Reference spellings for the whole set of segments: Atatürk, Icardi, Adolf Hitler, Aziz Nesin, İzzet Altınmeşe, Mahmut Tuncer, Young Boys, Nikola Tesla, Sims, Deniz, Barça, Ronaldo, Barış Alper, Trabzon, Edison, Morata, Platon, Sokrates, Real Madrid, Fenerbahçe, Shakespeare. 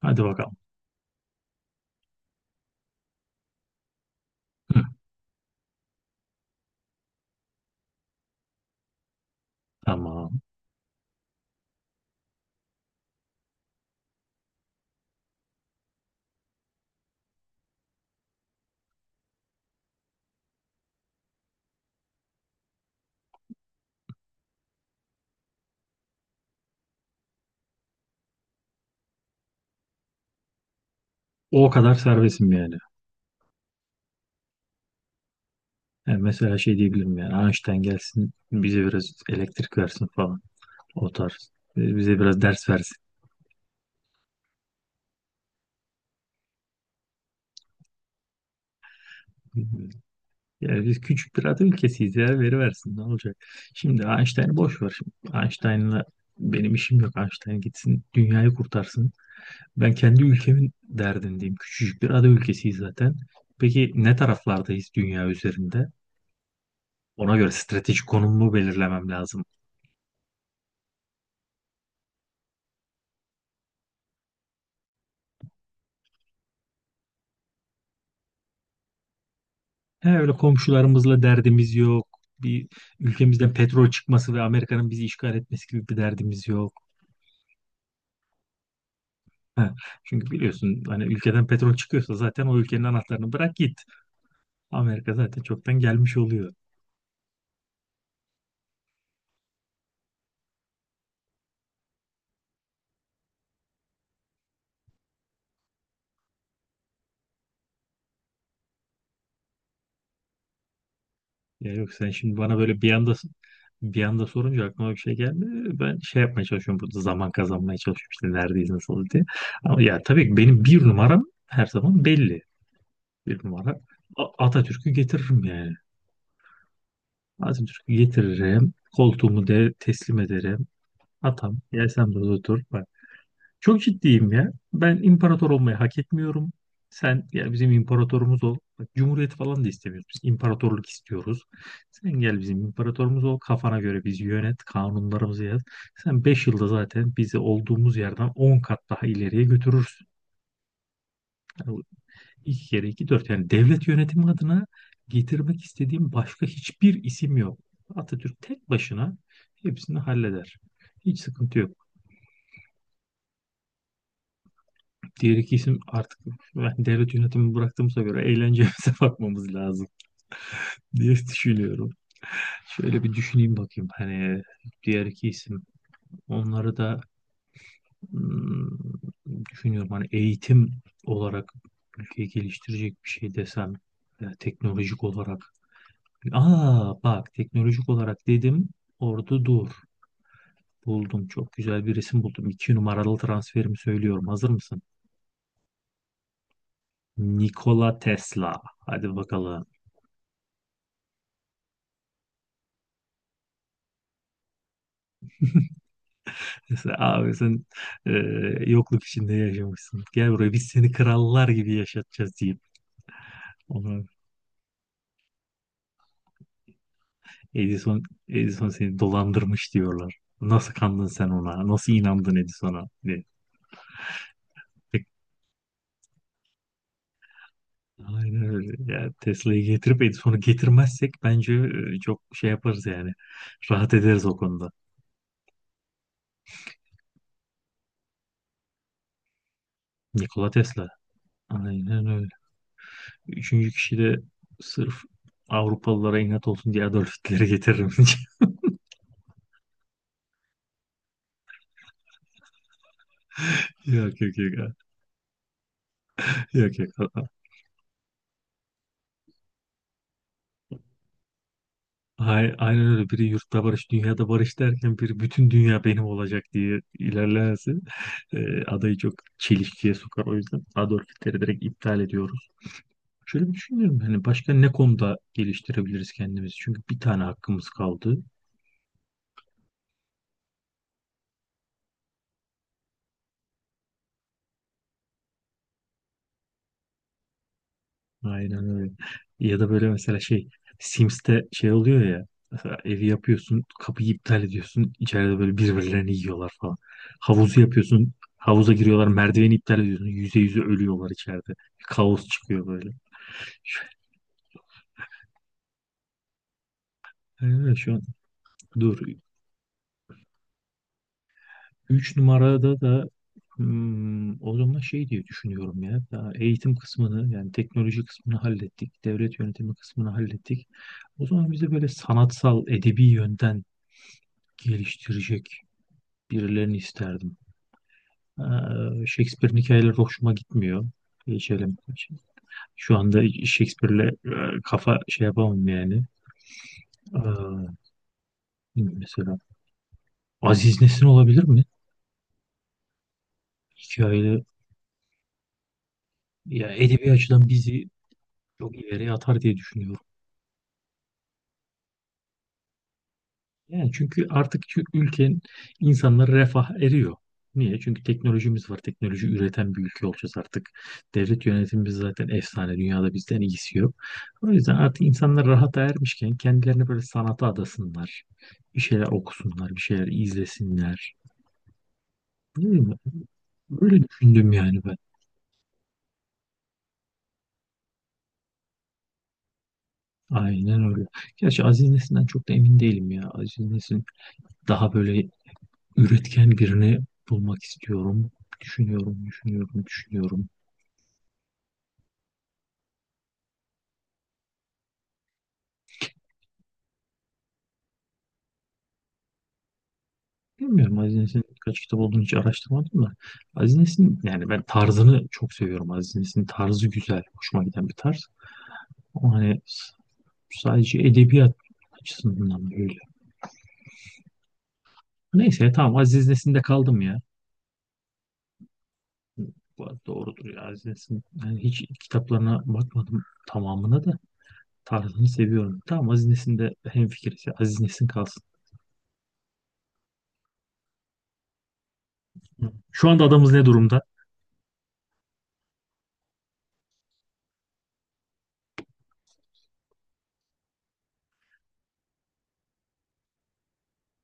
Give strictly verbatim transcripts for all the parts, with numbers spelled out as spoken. Hadi bakalım. Hı, tamam. O kadar serbestim yani. Yani mesela şey diyebilirim yani Einstein gelsin bize biraz elektrik versin falan. O tarz. E, Bize biraz ders versin. Yani biz küçük bir ada ülkesiyiz ya veri versin ne olacak. Şimdi Einstein'ı boş ver. Şimdi Einstein'la benim işim yok. Einstein gitsin dünyayı kurtarsın. Ben kendi ülkemin derdindeyim. Küçücük bir ada ülkesiyiz zaten. Peki ne taraflardayız dünya üzerinde? Ona göre stratejik konumumu belirlemem lazım. He, öyle komşularımızla derdimiz yok. Bir ülkemizden petrol çıkması ve Amerika'nın bizi işgal etmesi gibi bir derdimiz yok. He, çünkü biliyorsun hani ülkeden petrol çıkıyorsa zaten o ülkenin anahtarını bırak git. Amerika zaten çoktan gelmiş oluyor. Ya yok sen şimdi bana böyle bir anda bir anda sorunca aklıma bir şey geldi. Ben şey yapmaya çalışıyorum burada, zaman kazanmaya çalışıyorum, işte neredeyiz nasıl diye. Ama ya tabii ki benim bir numaram her zaman belli. Bir numara A- Atatürk'ü getiririm yani. Atatürk'ü getiririm. Koltuğumu de teslim ederim. Atam gel sen burada otur. Bak, çok ciddiyim ya. Ben imparator olmayı hak etmiyorum. Sen gel bizim imparatorumuz ol. Bak, cumhuriyet falan da istemiyoruz. Biz imparatorluk istiyoruz. Sen gel bizim imparatorumuz ol. Kafana göre bizi yönet. Kanunlarımızı yaz. Sen beş yılda zaten bizi olduğumuz yerden on kat daha ileriye götürürsün. Yani İki kere iki dört. Yani devlet yönetimi adına getirmek istediğim başka hiçbir isim yok. Atatürk tek başına hepsini halleder. Hiç sıkıntı yok. Diğer iki isim artık, ben devlet yönetimi bıraktığımıza göre, eğlencemize bakmamız lazım diye düşünüyorum. Şöyle bir düşüneyim bakayım. Hani diğer iki isim, onları da hmm, düşünüyorum. Hani eğitim olarak ülkeyi geliştirecek bir şey desem, e, teknolojik olarak... Aa bak, teknolojik olarak dedim, orada dur. Buldum, çok güzel bir resim buldum. İki numaralı transferimi söylüyorum. Hazır mısın? Nikola Tesla. Hadi bakalım. Mesela abi sen e, yokluk içinde yaşamışsın. Gel buraya, biz seni krallar gibi yaşatacağız deyip. Onu... Edison, Edison seni dolandırmış diyorlar. Nasıl kandın sen ona? Nasıl inandın Edison'a? Diye. Aynen öyle. Ya Tesla'yı getirip Edison'u getirmezsek bence e, çok şey yaparız yani. Rahat ederiz o konuda. Nikola Tesla. Aynen öyle. Üçüncü kişi de sırf Avrupalılara inat olsun diye Adolf Hitler'i getiririm. Yok yok yok. Yok yok. Ay- Aynen öyle. Biri yurtta barış, dünyada barış derken biri bütün dünya benim olacak diye ilerlerse e, adayı çok çelişkiye sokar. O yüzden Adolf Hitler'i direkt iptal ediyorum. Şöyle bir düşünüyorum, hani başka ne konuda geliştirebiliriz kendimizi? Çünkü bir tane hakkımız kaldı. Aynen öyle. Ya da böyle mesela şey, Sims'te şey oluyor ya, mesela evi yapıyorsun, kapıyı iptal ediyorsun, içeride böyle birbirlerini yiyorlar falan. Havuzu yapıyorsun, havuza giriyorlar, merdiveni iptal ediyorsun, yüze yüze ölüyorlar içeride. Bir kaos çıkıyor böyle. Aynen öyle şu an. Dur, üç numarada da hmm, o zaman şey diye düşünüyorum ya. Daha eğitim kısmını, yani teknoloji kısmını hallettik. Devlet yönetimi kısmını hallettik. O zaman bize böyle sanatsal, edebi yönden geliştirecek birilerini isterdim. Ee, Shakespeare'in hikayeleri hoşuma gitmiyor. Geçelim. Şu anda Shakespeare'le e, kafa şey yapamam yani. Ee, mesela Aziz Nesin olabilir mi? Hikayeleri, ya edebi açıdan bizi çok ileriye atar diye düşünüyorum. Yani çünkü artık şu ülkenin insanları refah eriyor. Niye? Çünkü teknolojimiz var. Teknoloji üreten bir ülke olacağız artık. Devlet yönetimimiz zaten efsane. Dünyada bizden iyisi yok. O yüzden artık insanlar rahata ermişken kendilerini böyle sanata adasınlar. Bir şeyler okusunlar, bir şeyler izlesinler. Ne bileyim, böyle düşündüm yani ben. Aynen öyle. Gerçi Aziz Nesin'den çok da emin değilim ya. Aziz Nesin... daha böyle üretken birini bulmak istiyorum. Düşünüyorum, düşünüyorum, düşünüyorum. Bilmiyorum Aziz Nesin'in kaç kitap olduğunu, hiç araştırmadım da. Aziz Nesin, yani ben tarzını çok seviyorum. Aziz Nesin'in tarzı güzel, hoşuma giden bir tarz. Ama hani s- sadece edebiyat açısından da öyle. Neyse, tamam, Aziz Nesin'de kaldım ya. Bu arada doğrudur ya Aziz Nesin. Yani hiç kitaplarına bakmadım tamamına da, tarzını seviyorum. Tamam, Aziz Nesin'de hemfikiriz ya. Aziz Nesin kalsın. Şu anda adamız ne durumda?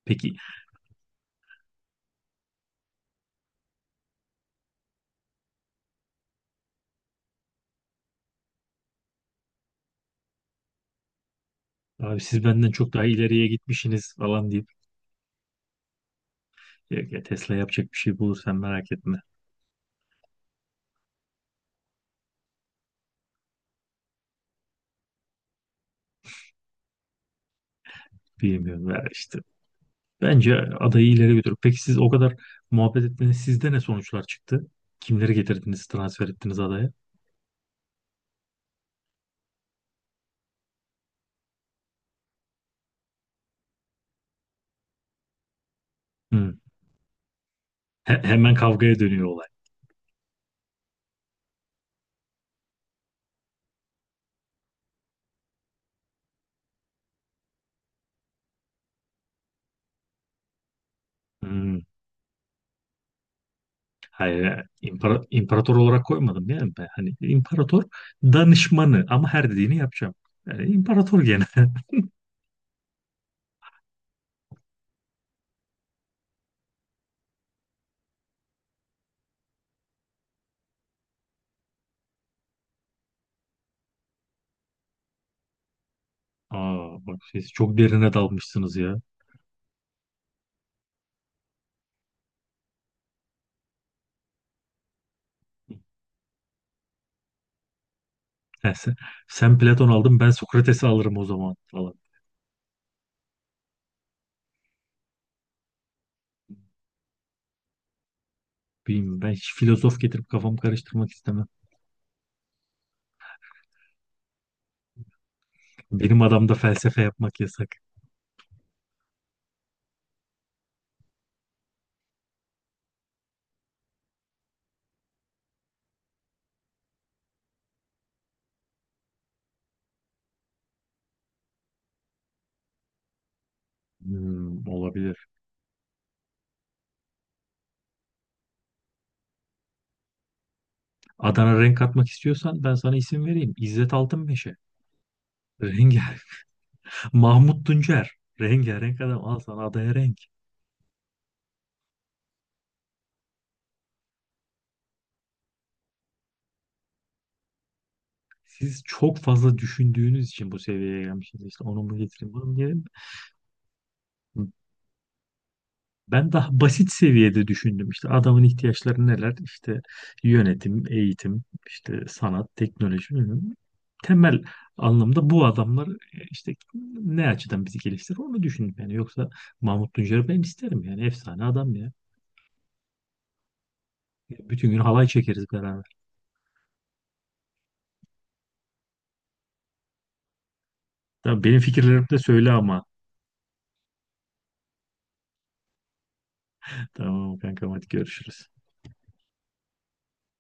Peki, abi siz benden çok daha ileriye gitmişsiniz falan deyip... Yok ya Tesla, yapacak bir şey bulursan merak etme. Bilmiyorum ya işte. Bence adayı ileri götür. Peki siz o kadar muhabbet ettiniz. Sizde ne sonuçlar çıktı? Kimleri getirdiniz, transfer ettiniz adaya? Hmm. He- hemen kavgaya dönüyor olay. Hmm. Hayır, impara- imparator olarak koymadım yani ben. Hani imparator danışmanı, ama her dediğini yapacağım. Yani imparator gene. Aa, bak siz çok derine dalmışsınız ya. Yani sen, sen Platon aldın, ben Sokrates'i alırım o zaman falan. Bilmiyorum, ben hiç filozof getirip kafamı karıştırmak istemem. Benim adamda felsefe yapmak yasak. Hmm, olabilir. Adana renk atmak istiyorsan ben sana isim vereyim. İzzet Altınmeşe. Rengar. Mahmut Tuncer. Rengarenk adam. Al sana adaya renk. Siz çok fazla düşündüğünüz için bu seviyeye gelmişsiniz. İşte onu mu getireyim, bunu mu getireyim. Ben daha basit seviyede düşündüm, işte adamın ihtiyaçları neler, işte yönetim, eğitim, işte sanat, teknoloji bilmem. Temel anlamda bu adamlar e, işte ne açıdan bizi geliştirir onu düşündüm yani, yoksa Mahmut Tuncer'i ben isterim yani, efsane adam ya. Bütün gün halay çekeriz beraber. Tamam, benim fikirlerimi de söyle ama. Tamam kankam, hadi görüşürüz.